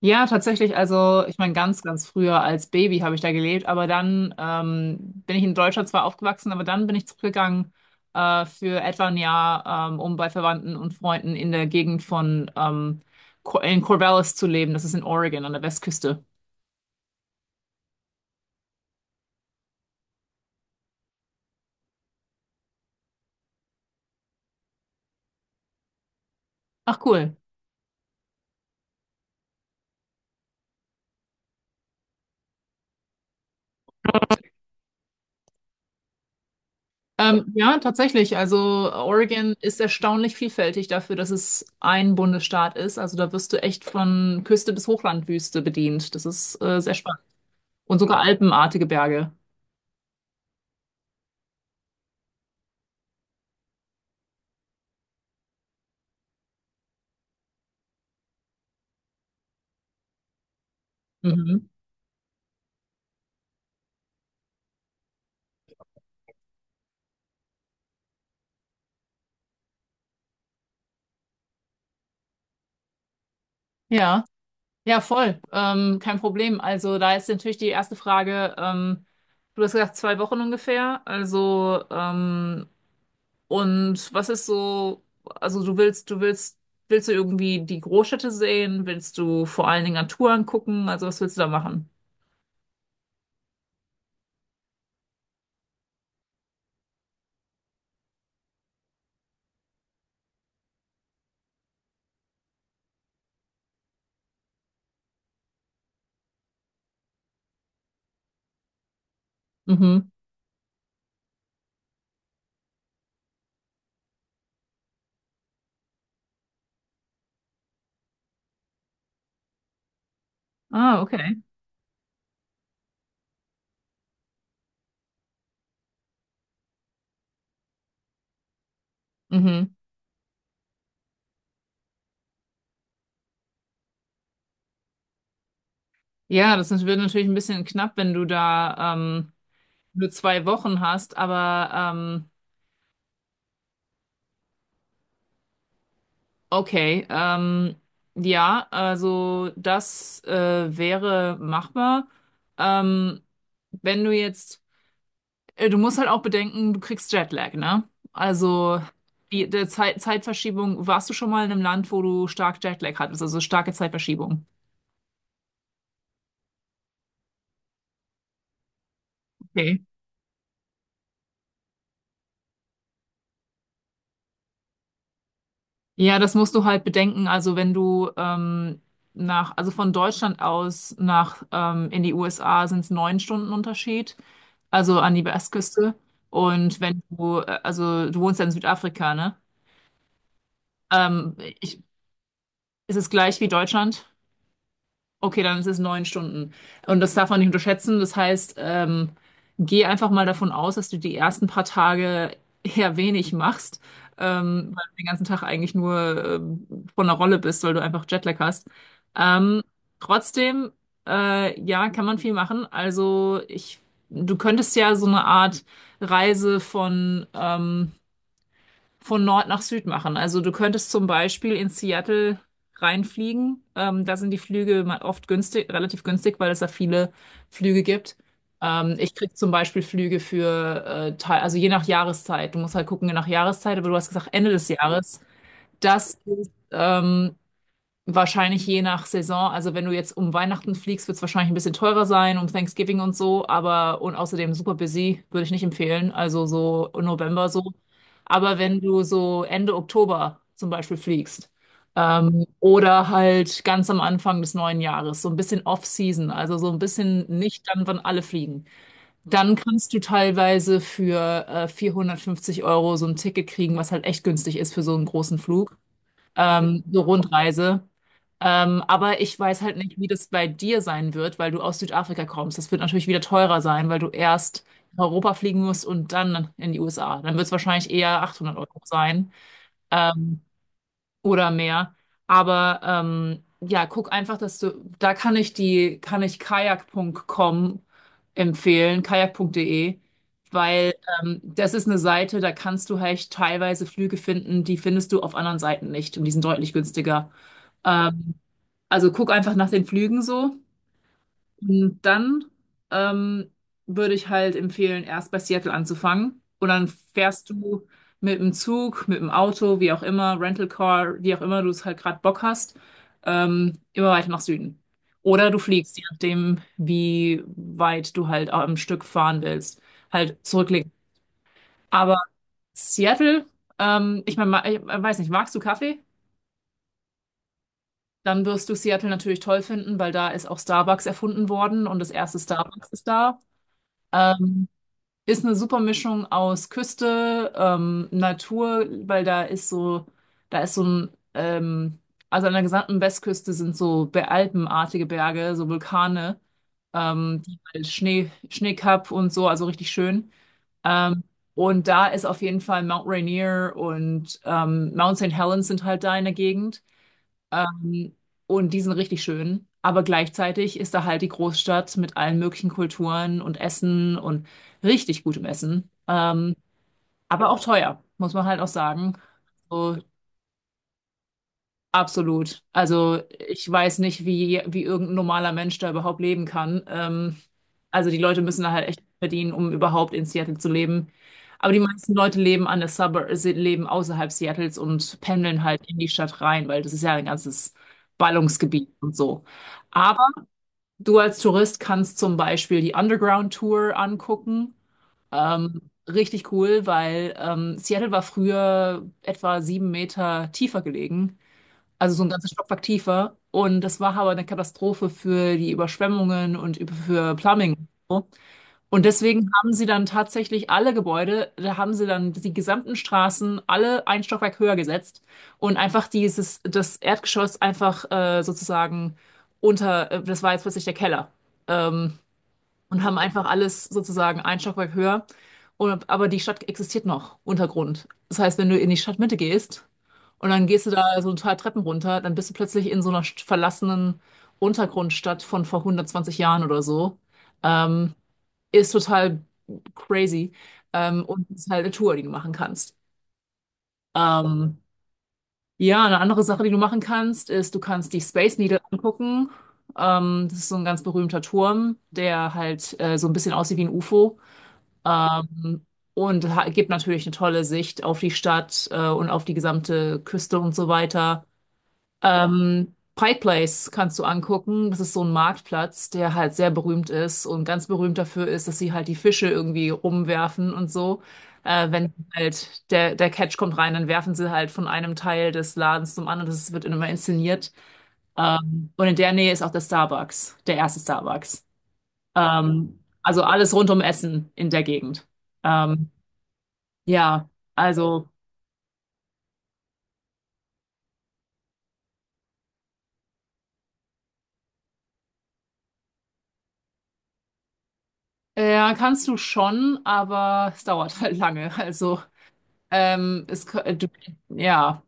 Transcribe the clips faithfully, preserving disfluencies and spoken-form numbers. Ja, tatsächlich. Also, ich meine, ganz, ganz früher als Baby habe ich da gelebt, aber dann ähm, bin ich in Deutschland zwar aufgewachsen, aber dann bin ich zurückgegangen äh, für etwa ein Jahr, ähm, um bei Verwandten und Freunden in der Gegend von ähm, Cor- in Corvallis zu leben. Das ist in Oregon an der Westküste. Ach, cool. Ähm, ja, tatsächlich. Also, Oregon ist erstaunlich vielfältig dafür, dass es ein Bundesstaat ist. Also, da wirst du echt von Küste bis Hochlandwüste bedient. Das ist äh, sehr spannend. Und sogar alpenartige Berge. Mhm. Ja, ja, voll. Ähm, kein Problem. Also da ist natürlich die erste Frage. ähm, du hast gesagt, zwei Wochen ungefähr. Also, ähm, und was ist so, also du willst, du willst, willst du irgendwie die Großstädte sehen? Willst du vor allen Dingen Natur angucken? Also was willst du da machen? Mhm. Ah, okay. Mhm. Ja, das ist- wird natürlich ein bisschen knapp, wenn du da ähm, nur zwei Wochen hast, aber ähm, okay. ähm, ja, also das äh, wäre machbar. Ähm, wenn du jetzt, äh, du musst halt auch bedenken, du kriegst Jetlag, ne? Also die, der Zeit, Zeitverschiebung, warst du schon mal in einem Land, wo du stark Jetlag hattest, also starke Zeitverschiebung? Okay. Ja, das musst du halt bedenken. Also wenn du ähm, nach, also von Deutschland aus nach ähm, in die U S A sind es neun Stunden Unterschied, also an die Westküste. Und wenn du, äh, also du wohnst ja in Südafrika, ne? Ähm, ich, ist es gleich wie Deutschland? Okay, dann ist es neun Stunden. Und das darf man nicht unterschätzen. Das heißt, ähm, geh einfach mal davon aus, dass du die ersten paar Tage eher wenig machst, ähm, weil du den ganzen Tag eigentlich nur ähm, von der Rolle bist, weil du einfach Jetlag hast. Ähm, trotzdem, äh, ja, kann man viel machen. Also ich, du könntest ja so eine Art Reise von ähm, von Nord nach Süd machen. Also du könntest zum Beispiel in Seattle reinfliegen. Ähm, da sind die Flüge ma- oft günstig, relativ günstig, weil es da viele Flüge gibt. Ähm, ich krieg zum Beispiel Flüge für, äh, Teil- also je nach Jahreszeit. Du musst halt gucken, je nach Jahreszeit, aber du hast gesagt Ende des Jahres. Das ist ähm, Wahrscheinlich je nach Saison. Also wenn du jetzt um Weihnachten fliegst, wird es wahrscheinlich ein bisschen teurer sein, um Thanksgiving und so, aber und außerdem super busy, würde ich nicht empfehlen. Also so November so. Aber wenn du so Ende Oktober zum Beispiel fliegst, ähm, oder halt ganz am Anfang des neuen Jahres, so ein bisschen Off-Season, also so ein bisschen nicht dann, wann alle fliegen, dann kannst du teilweise für äh, vierhundertfünfzig Euro so ein Ticket kriegen, was halt echt günstig ist für so einen großen Flug. Ähm, so Rundreise. Ähm, aber ich weiß halt nicht, wie das bei dir sein wird, weil du aus Südafrika kommst. Das wird natürlich wieder teurer sein, weil du erst nach Europa fliegen musst und dann in die U S A. Dann wird es wahrscheinlich eher achthundert Euro sein. Ähm, oder mehr. Aber ähm, ja, guck einfach, dass du, da kann ich die, kann ich kajak Punkt com empfehlen, kajak Punkt de, weil ähm, das ist eine Seite, da kannst du halt teilweise Flüge finden, die findest du auf anderen Seiten nicht und die sind deutlich günstiger. Ähm, also guck einfach nach den Flügen so. Und dann ähm, würde ich halt empfehlen, erst bei Seattle anzufangen. Und dann fährst du mit dem Zug, mit dem Auto, wie auch immer, Rental Car, wie auch immer du es halt gerade Bock hast, ähm, immer weiter nach Süden. Oder du fliegst, je nachdem, wie weit du halt am Stück fahren willst, halt zurücklegen. Aber Seattle, ähm, ich meine, ich äh, weiß nicht, magst du Kaffee? Dann wirst du Seattle natürlich toll finden, weil da ist auch Starbucks erfunden worden und das erste Starbucks ist da. Ähm, Ist eine super Mischung aus Küste, ähm, Natur, weil da ist so, da ist so ein, ähm, also an der gesamten Westküste sind so Be- alpenartige Berge, so Vulkane, ähm, die halt Schnee, Schneekapp und so, also richtig schön. Ähm, und da ist auf jeden Fall Mount Rainier und ähm, Mount Saint Helens sind halt da in der Gegend. Ähm, und die sind richtig schön. Aber gleichzeitig ist da halt die Großstadt mit allen möglichen Kulturen und Essen und richtig gutem Essen. Ähm, aber auch teuer, muss man halt auch sagen. So, absolut. Also ich weiß nicht, wie, wie irgendein normaler Mensch da überhaupt leben kann. Ähm, also die Leute müssen da halt echt verdienen, um überhaupt in Seattle zu leben. Aber die meisten Leute leben an der Suburb, leben außerhalb Seattles und pendeln halt in die Stadt rein, weil das ist ja ein ganzes Ballungsgebiet und so. Aber du als Tourist kannst zum Beispiel die Underground Tour angucken. Ähm, richtig cool, weil ähm, Seattle war früher etwa sieben Meter tiefer gelegen, also so ein ganzes Stockwerk tiefer. Und das war aber eine Katastrophe für die Überschwemmungen und über- für Plumbing. Und deswegen haben sie dann tatsächlich alle Gebäude, da haben sie dann die gesamten Straßen alle ein Stockwerk höher gesetzt und einfach dieses, das Erdgeschoss einfach äh, sozusagen unter, äh, das war jetzt plötzlich der Keller. Ähm, und haben einfach alles sozusagen ein Stockwerk höher. Und aber die Stadt existiert noch, Untergrund. Das heißt, wenn du in die Stadtmitte gehst und dann gehst du da so ein paar Treppen runter, dann bist du plötzlich in so einer st- verlassenen Untergrundstadt von vor hundertzwanzig Jahren oder so. Ähm, ist total crazy. Ähm, und ist halt eine Tour, die du machen kannst. Ähm, ja, eine andere Sache, die du machen kannst, ist, du kannst die Space Needle angucken. Ähm, das ist so ein ganz berühmter Turm, der halt äh, so ein bisschen aussieht wie ein UFO. Ähm, und ha- gibt natürlich eine tolle Sicht auf die Stadt äh, und auf die gesamte Küste und so weiter. Ähm, Pike Place kannst du angucken. Das ist so ein Marktplatz, der halt sehr berühmt ist und ganz berühmt dafür ist, dass sie halt die Fische irgendwie rumwerfen und so. Äh, wenn halt der, der Catch kommt rein, dann werfen sie halt von einem Teil des Ladens zum anderen. Das wird immer inszeniert. Ähm, und in der Nähe ist auch der Starbucks, der erste Starbucks. Ähm, also alles rund um Essen in der Gegend. Ähm, ja, also äh, kannst du schon, aber es dauert halt lange. Also ähm, es, kö- du, ja,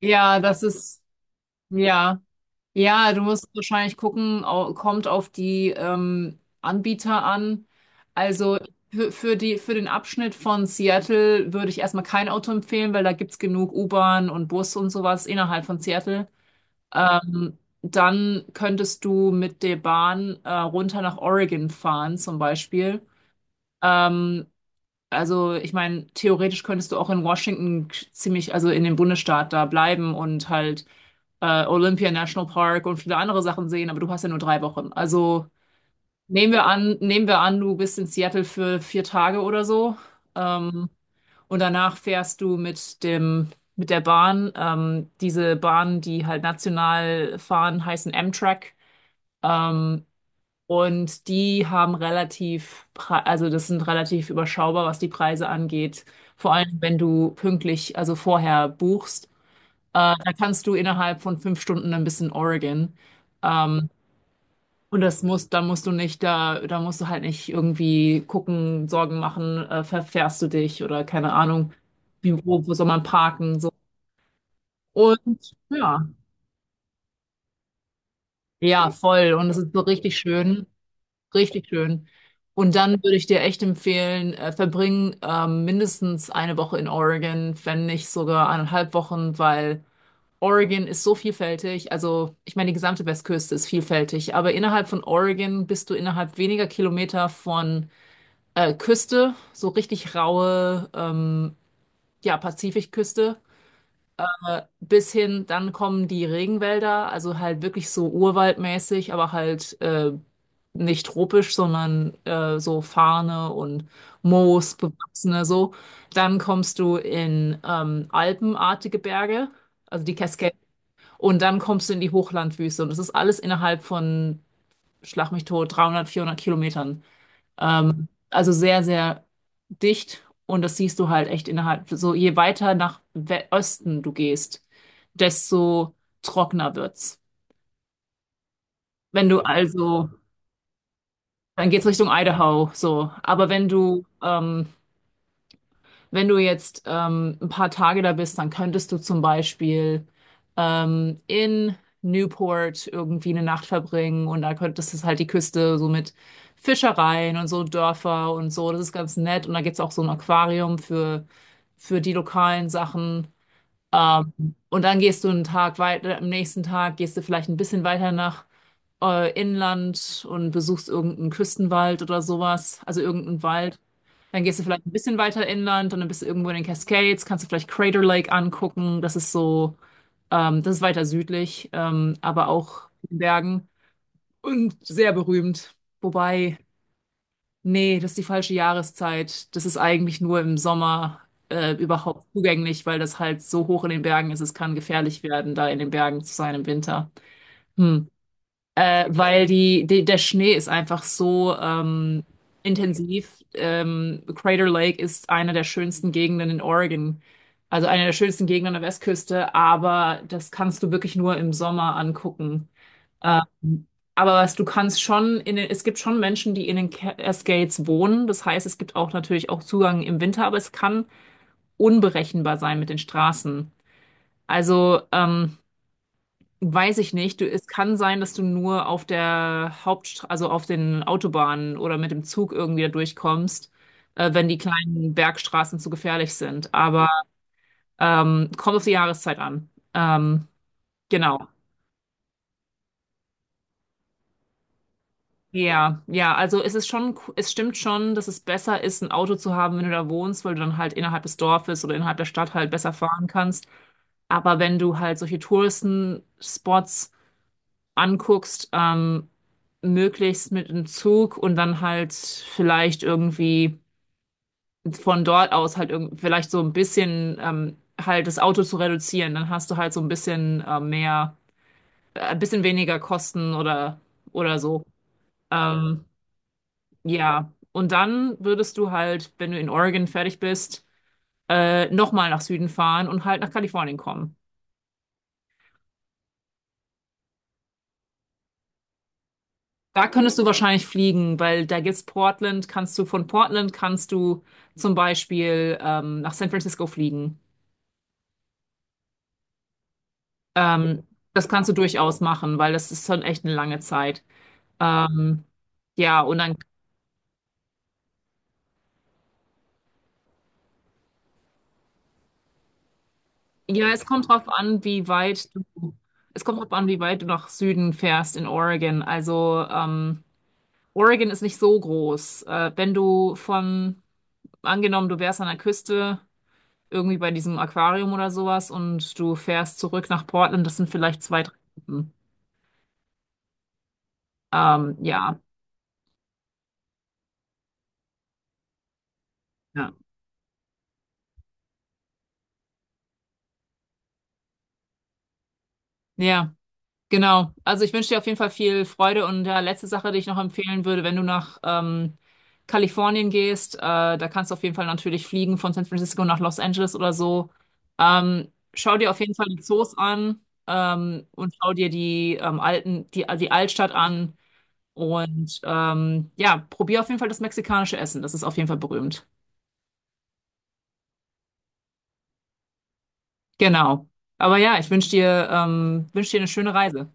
ja, das ist ja, ja, du musst wahrscheinlich gucken, au- kommt auf die ähm, Anbieter an. Also für, für die für den Abschnitt von Seattle würde ich erstmal kein Auto empfehlen, weil da gibt's genug U-Bahn und Bus und sowas innerhalb von Seattle. Ähm, dann könntest du mit der Bahn äh, runter nach Oregon fahren, zum Beispiel. Ähm, also ich meine, theoretisch könntest du auch in Washington ziemlich, also in dem Bundesstaat da bleiben und halt äh, Olympia National Park und viele andere Sachen sehen, aber du hast ja nur drei Wochen. Also nehmen wir an, nehmen wir an, du bist in Seattle für vier Tage oder so. Ähm, und danach fährst du mit dem, mit der Bahn. Ähm, diese Bahnen, die halt national fahren, heißen Amtrak. Ähm, und die haben relativ, pre- also das sind relativ überschaubar, was die Preise angeht. Vor allem, wenn du pünktlich, also vorher buchst, äh, da kannst du innerhalb von fünf Stunden ein bisschen Oregon. Ähm, und das muss, da musst du nicht, da, da musst du halt nicht irgendwie gucken, Sorgen machen, äh, verfährst du dich oder keine Ahnung, wie, wo, wo soll man parken, so. Und ja, ja, voll. Und es ist so richtig schön. Richtig schön. Und dann würde ich dir echt empfehlen, äh, verbring ähm, mindestens eine Woche in Oregon, wenn nicht sogar eineinhalb Wochen, weil Oregon ist so vielfältig. Also, ich meine, die gesamte Westküste ist vielfältig, aber innerhalb von Oregon bist du innerhalb weniger Kilometer von äh, Küste, so richtig raue, ähm, ja, Pazifikküste bis hin, dann kommen die Regenwälder, also halt wirklich so urwaldmäßig, aber halt äh, nicht tropisch, sondern äh, so Farne und Moos, bewachsene so. Dann kommst du in ähm, alpenartige Berge, also die Cascades, und dann kommst du in die Hochlandwüste. Und das ist alles innerhalb von, schlag mich tot, dreihundert, vierhundert Kilometern. Ähm, also sehr, sehr dicht und das siehst du halt echt innerhalb. So je weiter nach We Osten du gehst, desto trockener wird's. Wenn du also, dann geht's Richtung Idaho, so. Aber wenn du ähm, wenn du jetzt ähm, ein paar Tage da bist, dann könntest du zum Beispiel ähm, in Newport irgendwie eine Nacht verbringen und da könntest du halt die Küste so mit Fischereien und so Dörfer und so. Das ist ganz nett. Und da gibt's auch so ein Aquarium für, für die lokalen Sachen. Ähm, und dann gehst du einen Tag weiter, am nächsten Tag gehst du vielleicht ein bisschen weiter nach äh, Inland und besuchst irgendeinen Küstenwald oder sowas, also irgendeinen Wald. Dann gehst du vielleicht ein bisschen weiter inland und dann bist du irgendwo in den Cascades, kannst du vielleicht Crater Lake angucken. Das ist so, ähm, das ist weiter südlich, ähm, aber auch in den Bergen und sehr berühmt. Wobei, nee, das ist die falsche Jahreszeit. Das ist eigentlich nur im Sommer äh, überhaupt zugänglich, weil das halt so hoch in den Bergen ist. Es kann gefährlich werden, da in den Bergen zu sein im Winter. Hm. Äh, weil die, die, der Schnee ist einfach so ähm, intensiv. Ähm, Crater Lake ist eine der schönsten Gegenden in Oregon, also eine der schönsten Gegenden an der Westküste, aber das kannst du wirklich nur im Sommer angucken. Ähm, aber was du kannst schon in den, es gibt schon Menschen, die in den Cascades wohnen. Das heißt, es gibt auch natürlich auch Zugang im Winter, aber es kann unberechenbar sein mit den Straßen. Also ähm, weiß ich nicht. Du, es kann sein, dass du nur auf der Hauptstraße, also auf den Autobahnen oder mit dem Zug irgendwie da durchkommst, äh, wenn die kleinen Bergstraßen zu gefährlich sind. Aber ähm, kommt auf die Jahreszeit an. Ähm, genau. Ja, ja, also es ist schon, es stimmt schon, dass es besser ist, ein Auto zu haben, wenn du da wohnst, weil du dann halt innerhalb des Dorfes oder innerhalb der Stadt halt besser fahren kannst. Aber wenn du halt solche Touristenspots anguckst, ähm, möglichst mit dem Zug und dann halt vielleicht irgendwie von dort aus halt irgend vielleicht so ein bisschen ähm, halt das Auto zu reduzieren. Dann hast du halt so ein bisschen äh, mehr, äh, ein bisschen weniger Kosten oder oder so. Ähm, ja, und dann würdest du halt, wenn du in Oregon fertig bist, äh, nochmal nach Süden fahren und halt nach Kalifornien kommen. Da könntest du wahrscheinlich fliegen, weil da gibt's Portland, kannst du von Portland kannst du zum Beispiel ähm, nach San Francisco fliegen. Ähm, Das kannst du durchaus machen, weil das ist schon echt eine lange Zeit. Ähm, ja, und dann, ja, es kommt drauf an, wie weit du, es kommt drauf an, wie weit du nach Süden fährst in Oregon. Also, ähm, Oregon ist nicht so groß. Äh, wenn du von, angenommen, du wärst an der Küste irgendwie bei diesem Aquarium oder sowas und du fährst zurück nach Portland. Das sind vielleicht zwei, drei Stunden. Ähm, ja, ja, ja, genau. Also ich wünsche dir auf jeden Fall viel Freude und ja, letzte Sache, die ich noch empfehlen würde, wenn du nach ähm, Kalifornien gehst, äh, da kannst du auf jeden Fall natürlich fliegen von San Francisco nach Los Angeles oder so. Ähm, schau dir auf jeden Fall die Zoos an ähm, und schau dir die ähm, alten, die, die Altstadt an. Und ähm, ja, probier auf jeden Fall das mexikanische Essen. Das ist auf jeden Fall berühmt. Genau. Aber ja, ich wünsche dir, ähm, wünsch dir eine schöne Reise.